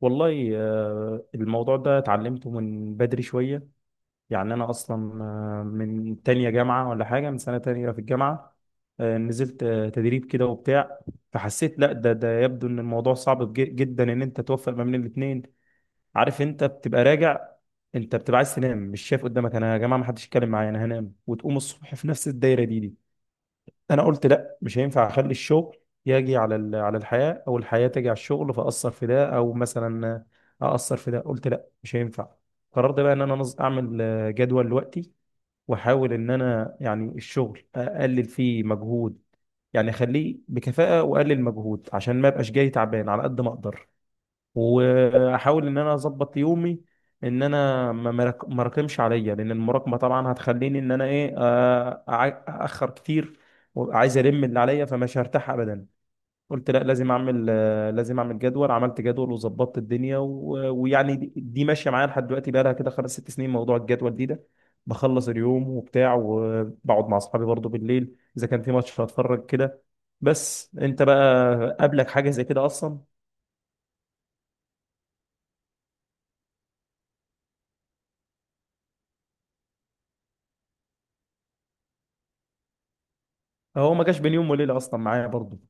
والله الموضوع ده اتعلمته من بدري شوية. يعني أنا أصلا من تانية جامعة ولا حاجة، من سنة تانية في الجامعة نزلت تدريب كده وبتاع. فحسيت لا ده يبدو إن الموضوع صعب جدا إن أنت توفق ما بين الاتنين. عارف أنت بتبقى راجع، أنت بتبقى عايز تنام، مش شايف قدامك. أنا يا جماعة ما حدش يتكلم معايا، أنا هنام وتقوم الصبح في نفس الدايرة دي. انا قلت لا مش هينفع اخلي الشغل يجي على على الحياه، او الحياه تجي على الشغل، فاثر في ده او مثلا اثر في ده. قلت لا مش هينفع. قررت بقى ان انا اعمل جدول لوقتي، واحاول ان انا يعني الشغل اقلل فيه مجهود. يعني اخليه بكفاءه واقلل مجهود عشان ما ابقاش جاي تعبان على قد ما اقدر. واحاول ان انا اظبط يومي، ان انا ما راكمش عليا، لان المراكمه طبعا هتخليني ان انا ايه، اخر كتير وعايز الم اللي عليا، فمش هرتاح ابدا. قلت لا لازم اعمل لازم اعمل جدول. عملت جدول وظبطت الدنيا ويعني دي ماشيه معايا لحد دلوقتي، بقى لها كده خمس ست سنين موضوع الجدول ده. بخلص اليوم وبتاع وبقعد مع اصحابي برضو بالليل، اذا كان في ماتش هتفرج كده. بس انت بقى قابلك حاجه زي كده اصلا؟ هو ما جاش بين يوم وليله اصلا معايا برضو.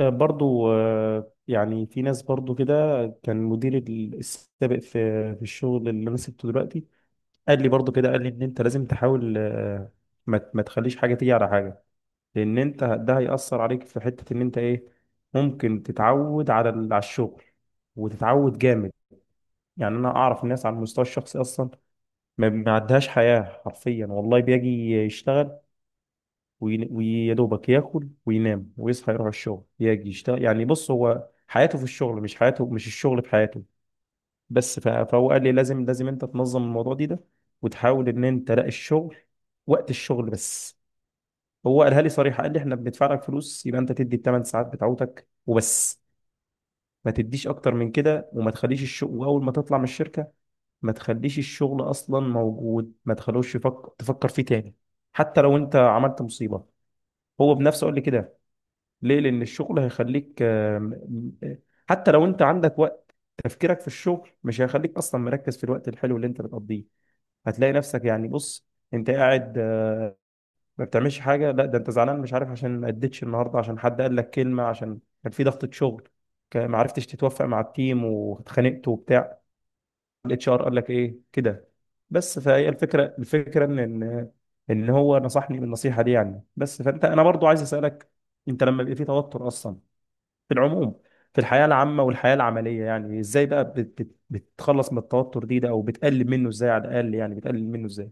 برضو يعني في ناس برضو كده. كان مدير السابق في في الشغل اللي انا سبته دلوقتي قال لي برضو كده، قال لي ان انت لازم تحاول، ما تخليش حاجه تيجي على حاجه، لان انت ده هيأثر عليك في حته ان انت ايه، ممكن تتعود على على الشغل وتتعود جامد. يعني انا اعرف الناس على المستوى الشخصي اصلا ما عندهاش حياه حرفيا. والله بيجي يشتغل، ويا دوبك ياكل وينام ويصحى يروح الشغل يجي يشتغل. يعني بص، هو حياته في الشغل، مش حياته، مش الشغل في حياته. بس فهو قال لي لازم لازم انت تنظم الموضوع ده، وتحاول ان انت لا، الشغل وقت الشغل بس. هو قالها لي صريحه، قال لي احنا بندفع لك فلوس، يبقى انت تدي الثمان ساعات بتاعتك وبس. ما تديش اكتر من كده، وما تخليش الشغل، واول ما تطلع من الشركه ما تخليش الشغل اصلا موجود، ما تخلوش تفكر فيه تاني، حتى لو انت عملت مصيبه. هو بنفسه قال لي كده. ليه؟ لأن الشغل هيخليك آم، حتى لو أنت عندك وقت، تفكيرك في الشغل مش هيخليك أصلا مركز في الوقت الحلو اللي أنت بتقضيه. هتلاقي نفسك يعني بص، أنت قاعد ما بتعملش حاجة، لا ده أنت زعلان مش عارف، عشان ما أديتش النهاردة، عشان حد قال لك كلمة، عشان كان في ضغطة شغل، ما عرفتش تتوافق مع التيم واتخانقت وبتاع، الاتش ار قال لك إيه كده. بس فهي الفكرة، الفكرة إن إن هو نصحني بالنصيحة دي يعني. بس فأنت، أنا برضو عايز أسألك، أنت لما بيبقى في توتر أصلا، في العموم، في الحياة العامة والحياة العملية، يعني ازاي بقى بت بت بتخلص من التوتر ده، او بتقلل منه ازاي على الاقل؟ يعني بتقلل منه ازاي؟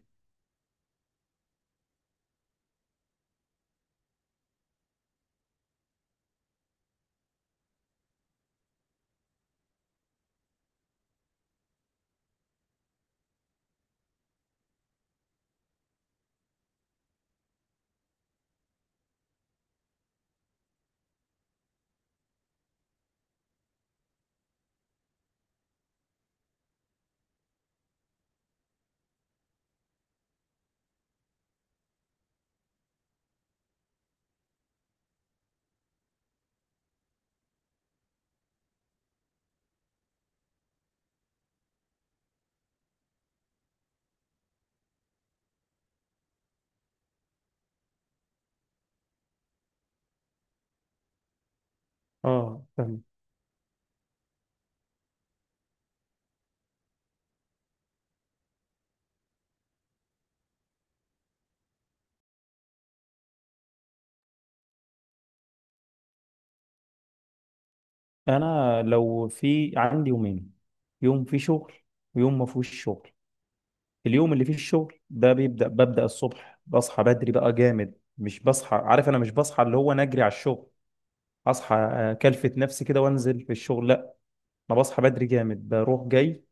اه فاهم. انا لو في عندي يومين، يوم فيه شغل ويوم ما فيهوش شغل. اليوم اللي فيه الشغل ده بيبدأ، ببدأ الصبح بصحى بدري بقى جامد، مش بصحى عارف انا، مش بصحى اللي هو نجري على الشغل، اصحى اكلفت نفسي كده وانزل في الشغل، لا. انا بصحى بدري جامد بروح جاي.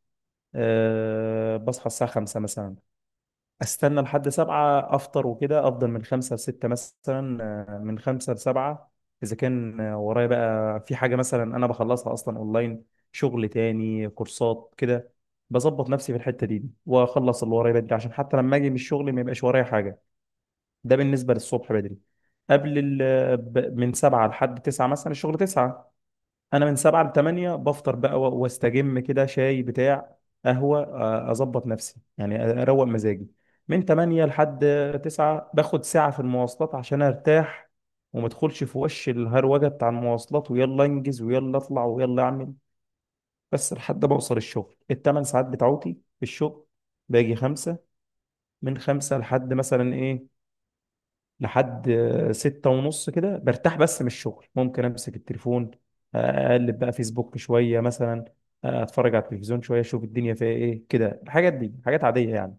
أه بصحى الساعة 5 مثلا، استنى لحد سبعة افطر، وكده، افضل من خمسة لستة مثلا، من خمسة لسبعة اذا كان ورايا بقى في حاجة مثلا انا بخلصها اصلا اونلاين. شغل تاني، كورسات كده، بظبط نفسي في الحتة دي واخلص اللي ورايا بدري عشان حتى لما اجي من الشغل ما يبقاش ورايا حاجة. ده بالنسبة للصبح بدري. قبل ال من سبعة لحد تسعة مثلا، الشغل تسعة، انا من سبعة لتمانية بفطر بقى واستجم كده، شاي بتاع قهوة، اظبط نفسي يعني اروق مزاجي. من تمانية لحد تسعة باخد ساعة في المواصلات عشان ارتاح، ومدخلش في وش الهروجة بتاع المواصلات، ويلا انجز ويلا اطلع ويلا اعمل، بس لحد ما اوصل الشغل. التمن ساعات بتاعتي في الشغل، باجي خمسة. من خمسة لحد مثلا ايه، لحد ستة ونص كده برتاح بس من الشغل، ممكن امسك التليفون، اقلب بقى فيسبوك شوية مثلا، اتفرج على التلفزيون شوية، اشوف الدنيا فيها ايه كده، الحاجات دي حاجات عادية يعني.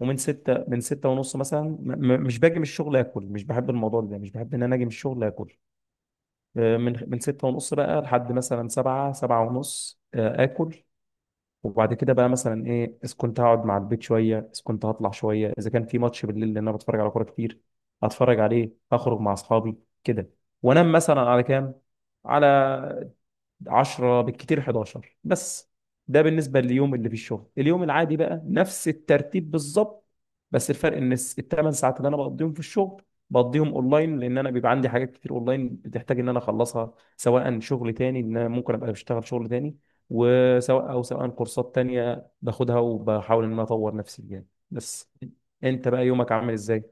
ومن ستة، من ستة ونص مثلا مش باجي من الشغل اكل، مش بحب الموضوع ده، مش بحب ان انا اجي من الشغل اكل. من ستة ونص بقى لحد مثلا سبعة، سبعة ونص اكل. وبعد كده بقى مثلا ايه، اذا كنت هقعد مع البيت شويه، اذا كنت هطلع شويه، اذا كان في ماتش بالليل لان انا بتفرج على كوره كتير هتفرج عليه، اخرج مع اصحابي كده. وانام مثلا على كام، على 10 بالكتير 11 بس. ده بالنسبة لليوم اللي في الشغل. اليوم العادي بقى نفس الترتيب بالظبط، بس الفرق ان الثمان ساعات اللي انا بقضيهم في الشغل بقضيهم اونلاين، لان انا بيبقى عندي حاجات كتير اونلاين بتحتاج ان انا اخلصها، سواء شغل تاني ان انا ممكن ابقى بشتغل شغل تاني، وسواء او سواء كورسات تانية باخدها وبحاول ان انا اطور نفسي فيها. بس انت بقى يومك عامل ازاي؟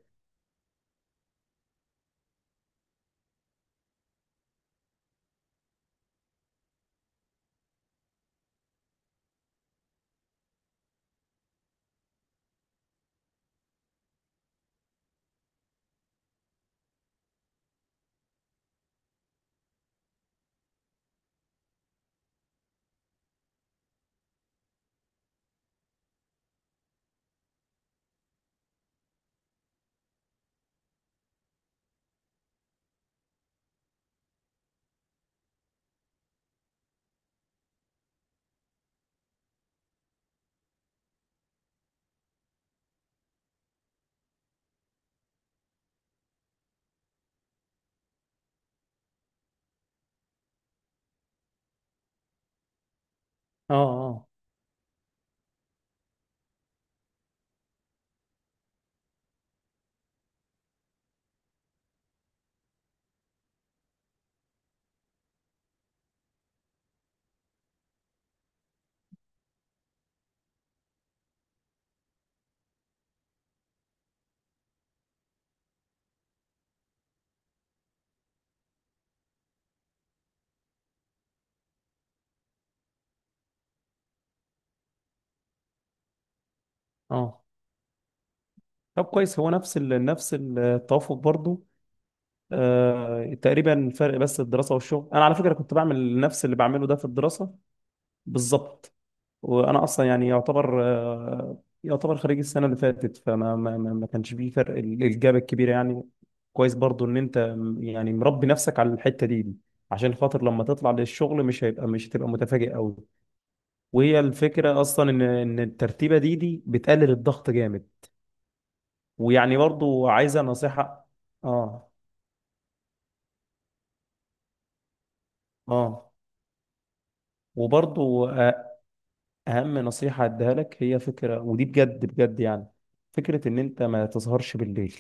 اه، اه، اه. طب كويس، هو نفس نفس التوافق برضو، تقريبا. فرق بس الدراسة والشغل. أنا على فكرة كنت بعمل نفس اللي بعمله ده في الدراسة بالظبط، وأنا أصلا يعني يعتبر يعتبر خريج السنة اللي فاتت، فما ما ما ما كانش فيه فرق الجاب الكبير يعني. كويس برضو إن أنت يعني مربي نفسك على الحتة دي، عشان خاطر لما تطلع للشغل مش هيبقى، مش هتبقى متفاجئ قوي. وهي الفكرة أصلا إن الترتيبة دي بتقلل الضغط جامد. ويعني برضو عايزة نصيحة. آه، آه. وبرضو اهم نصيحه اديها لك هي فكره، ودي بجد بجد يعني، فكره ان انت ما تسهرش بالليل.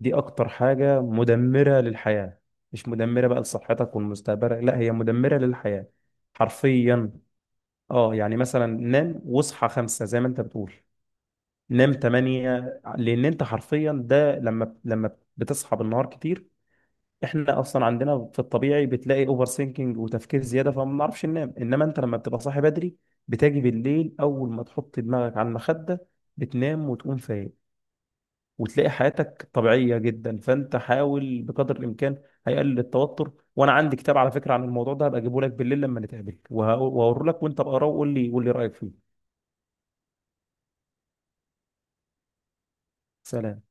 دي اكتر حاجه مدمره للحياه، مش مدمره بقى لصحتك والمستقبل، لا هي مدمره للحياه حرفيا. اه يعني مثلا نام واصحى خمسة زي ما انت بتقول، نام تمانية، لان انت حرفيا ده لما بتصحى بالنهار كتير، احنا اصلا عندنا في الطبيعي بتلاقي اوفر سينكينج وتفكير زياده فما بنعرفش ننام. انما انت لما بتبقى صاحي بدري، بتاجي بالليل اول ما تحط دماغك على المخده بتنام وتقوم فايق، وتلاقي حياتك طبيعيه جدا. فانت حاول بقدر الامكان، هيقلل التوتر. وانا عندي كتاب على فكره عن الموضوع ده، هبقى اجيبه لك بالليل لما نتقابل، وهوريه لك وانت بقراه، وقول لي رايك فيه. سلام.